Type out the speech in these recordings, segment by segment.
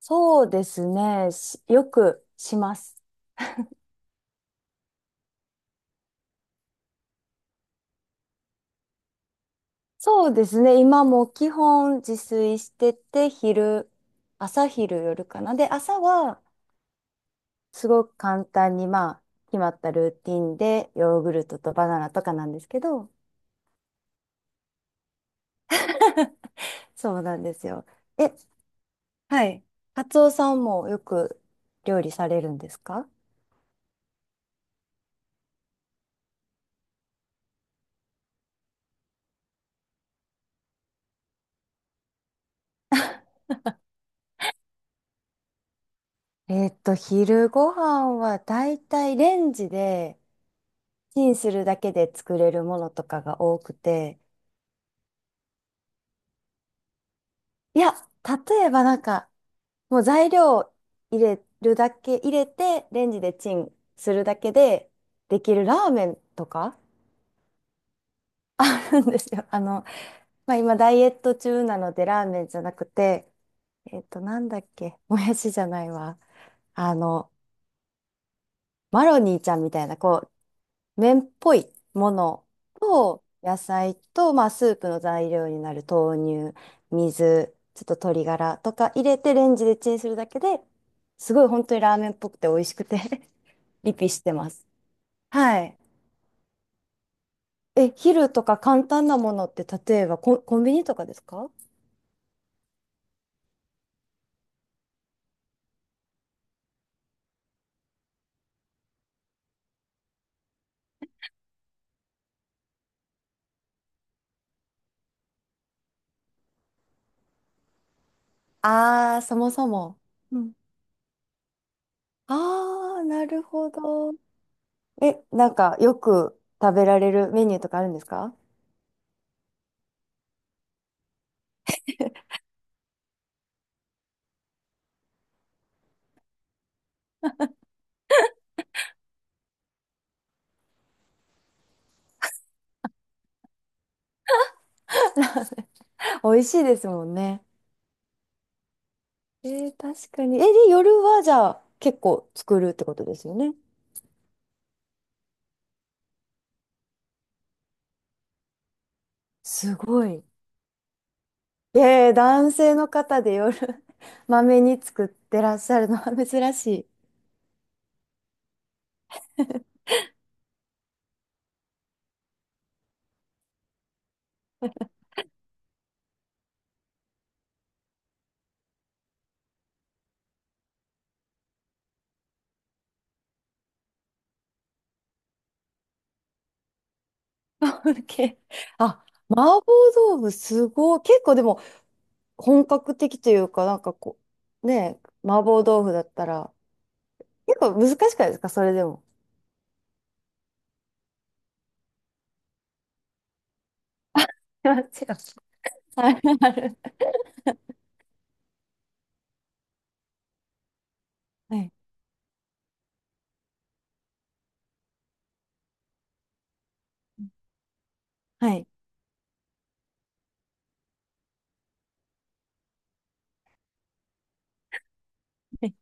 そうですね。よくします。そうですね。今も基本自炊してて、朝昼夜かな。で、朝はすごく簡単に、まあ、決まったルーティンで、ヨーグルトとバナナとかなんですけど、そうなんですよ。え、はい。カツオさんもよく料理されるんですか？昼ご飯はだいたいレンジでチンするだけで作れるものとかが多くて、いや、例えばなんか、もう材料を入れるだけ、入れて、レンジでチンするだけでできるラーメンとか あるんですよ。あの、まあ、今ダイエット中なのでラーメンじゃなくて、なんだっけ、もやしじゃないわ。あの、マロニーちゃんみたいな、こう、麺っぽいものと野菜と、まあ、スープの材料になる豆乳、水、ちょっと鶏ガラとか入れてレンジでチンするだけで、すごい本当にラーメンっぽくて美味しくて リピしてます。はい。え、昼とか簡単なものって例えばコンビニとかですか？ああー、そもそも。うん。ああ、なるほど。え、なんかよく食べられるメニューとかあるんですか？ 美味しいですもんね。えー、確かに。え、で、夜はじゃあ結構作るってことですよね。すごい。えー、男性の方で夜 まめに作ってらっしゃるのは 珍しい。あ、オッケー、あ、麻婆豆腐すごい。結構でも本格的というか、なんかこう、ねえ、麻婆豆腐だったら、結構難しくないですかそれでも？違う。あるある。はい。はい。はい。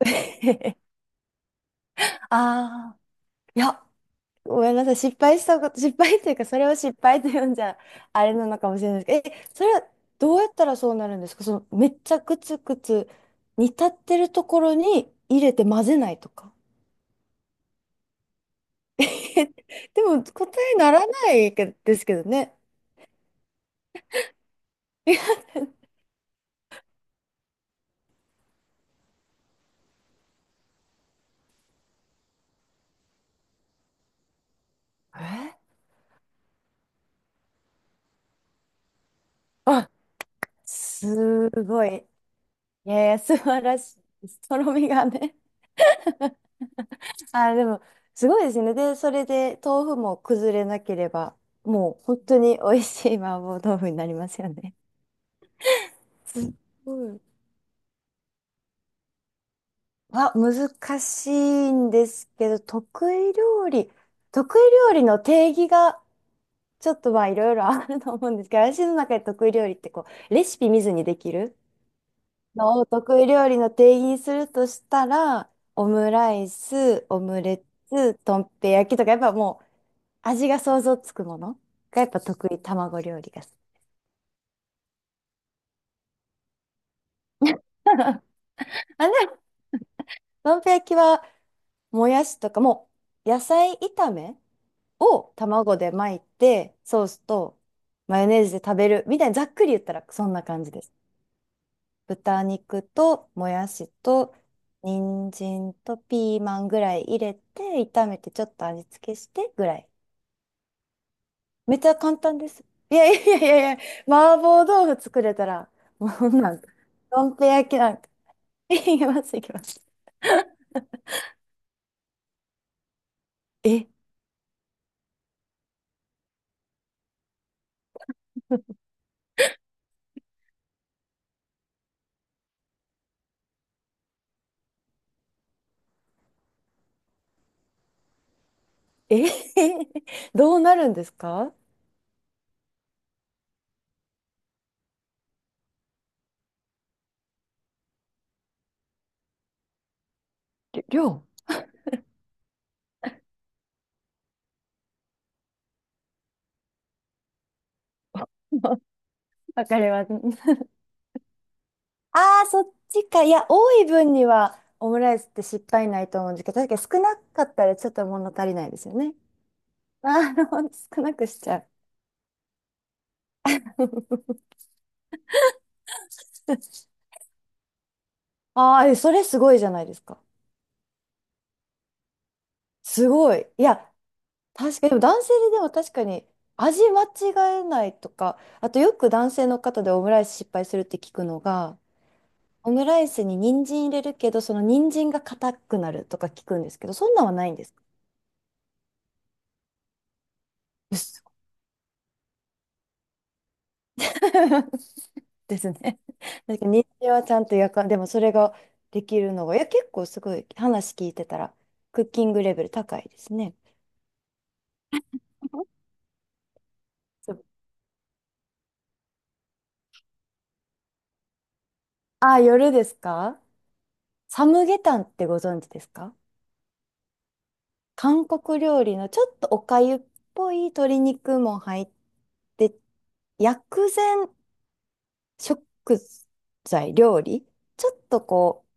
ああー、いや、ごめんなさい。失敗したこと、失敗というか、それを失敗と呼んじゃ、あれなのかもしれないですけど、それはどうやったらそうなるんですか？その、めっちゃくつくつ煮立ってるところに入れて混ぜないとか。えでも答えならないけですけどね。えあ、すごい。いやいや、素晴らしいです。とろみがね。あ、でも、すごいですね。で、それで豆腐も崩れなければ、もう本当に美味しい麻婆豆腐になりますよね。すごい。は、難しいんですけど、得意料理の定義がちょっとまあいろいろあると思うんですけど、私の中で得意料理ってこう、レシピ見ずにできるのを得意料理の定義にするとしたら、オムライス、オムレツ、とんぺ焼きとか、やっぱもう味が想像つくものがやっぱ得意、卵料理が。あ、でも、とんぺ焼きはもやしとか、もう野菜炒めを卵で巻いて、ソースとマヨネーズで食べるみたいにざっくり言ったらそんな感じです。豚肉ともやしと人参とピーマンぐらい入れて、炒めてちょっと味付けしてぐらい。めっちゃ簡単です。いやいやいやいや、麻婆豆腐作れたら、もうそんなん、どんぺ焼きなんか。いきます、いきます。え、え、どうなるんですか？量。わかります。ああ、そっちか。いや、多い分にはオムライスって失敗ないと思うんですけど、確かに少なかったらちょっと物足りないですよね。ああ、ほんと少なくしちゃう。ああ、えそれすごいじゃないですか。すごい。いや、確かに、でも男性ででも確かに味間違えないとか、あとよく男性の方でオムライス失敗するって聞くのが、オムライスに人参入れるけど、その人参が硬くなるとか聞くんですけど、そんなんはないんですか？ ですね。だけど日中はちゃんとやかでもそれができるのが、いや、結構すごい話聞いてたら、クッキングレベル高いですね。そう、あ、夜ですか？サムゲタンってご存知ですか？韓国料理のちょっとおかゆっぽい鶏肉も入って、薬膳食材、料理ちょっとこう、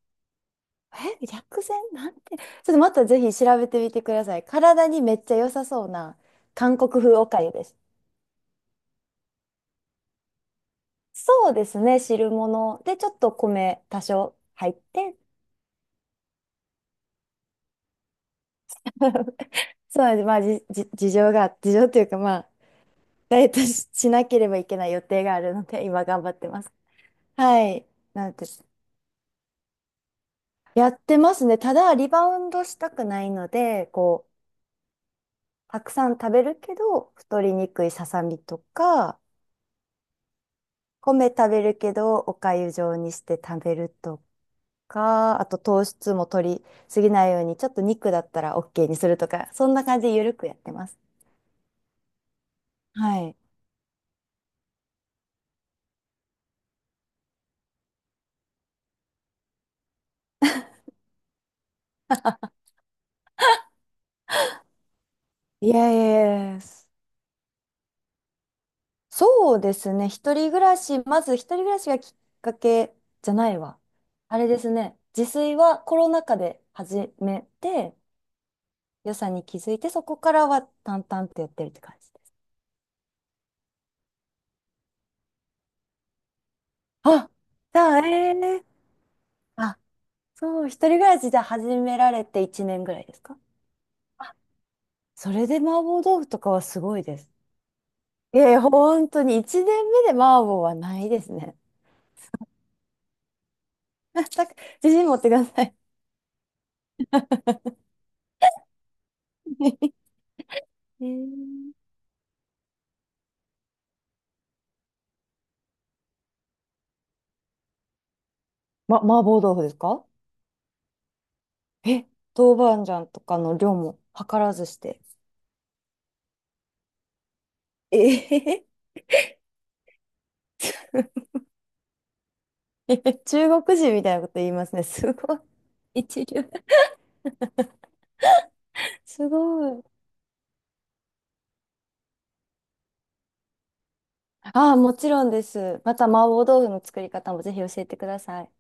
薬膳なんて、ちょっとまたぜひ調べてみてください。体にめっちゃ良さそうな韓国風おかゆです。そうですね、汁物でちょっと米多少入って、そうなんです。まあ、事情というかまあ、ダイエットしなければいけない予定があるので、今頑張ってます。はい。なんて、やってますね。ただ、リバウンドしたくないので、こう、たくさん食べるけど、太りにくいささみとか、米食べるけど、お粥状にして食べるとか、あと糖質も取りすぎないように、ちょっと肉だったら OK にするとか、そんな感じでゆるくやってます。はい。いやいやいや、そうですね。一人暮らし、まず一人暮らしがきっかけじゃないわ。あれですね。自炊はコロナ禍で始めて、良さに気づいて、そこからは淡々とやってるって感じです。あ、じゃあ、えあ、そう、一人暮らしじゃ始められて1年ぐらいですか？あ、それで麻婆豆腐とかはすごいです。いやいや、本当に1年目で麻婆はないですね。だから自信持ってください。えー麻婆豆腐ですか？え、豆板醤とかの量も計らずして。ええ。 中国人みたいなこと言いますね。すごい。一流。すごい。ああ、もちろんです。また麻婆豆腐の作り方もぜひ教えてください。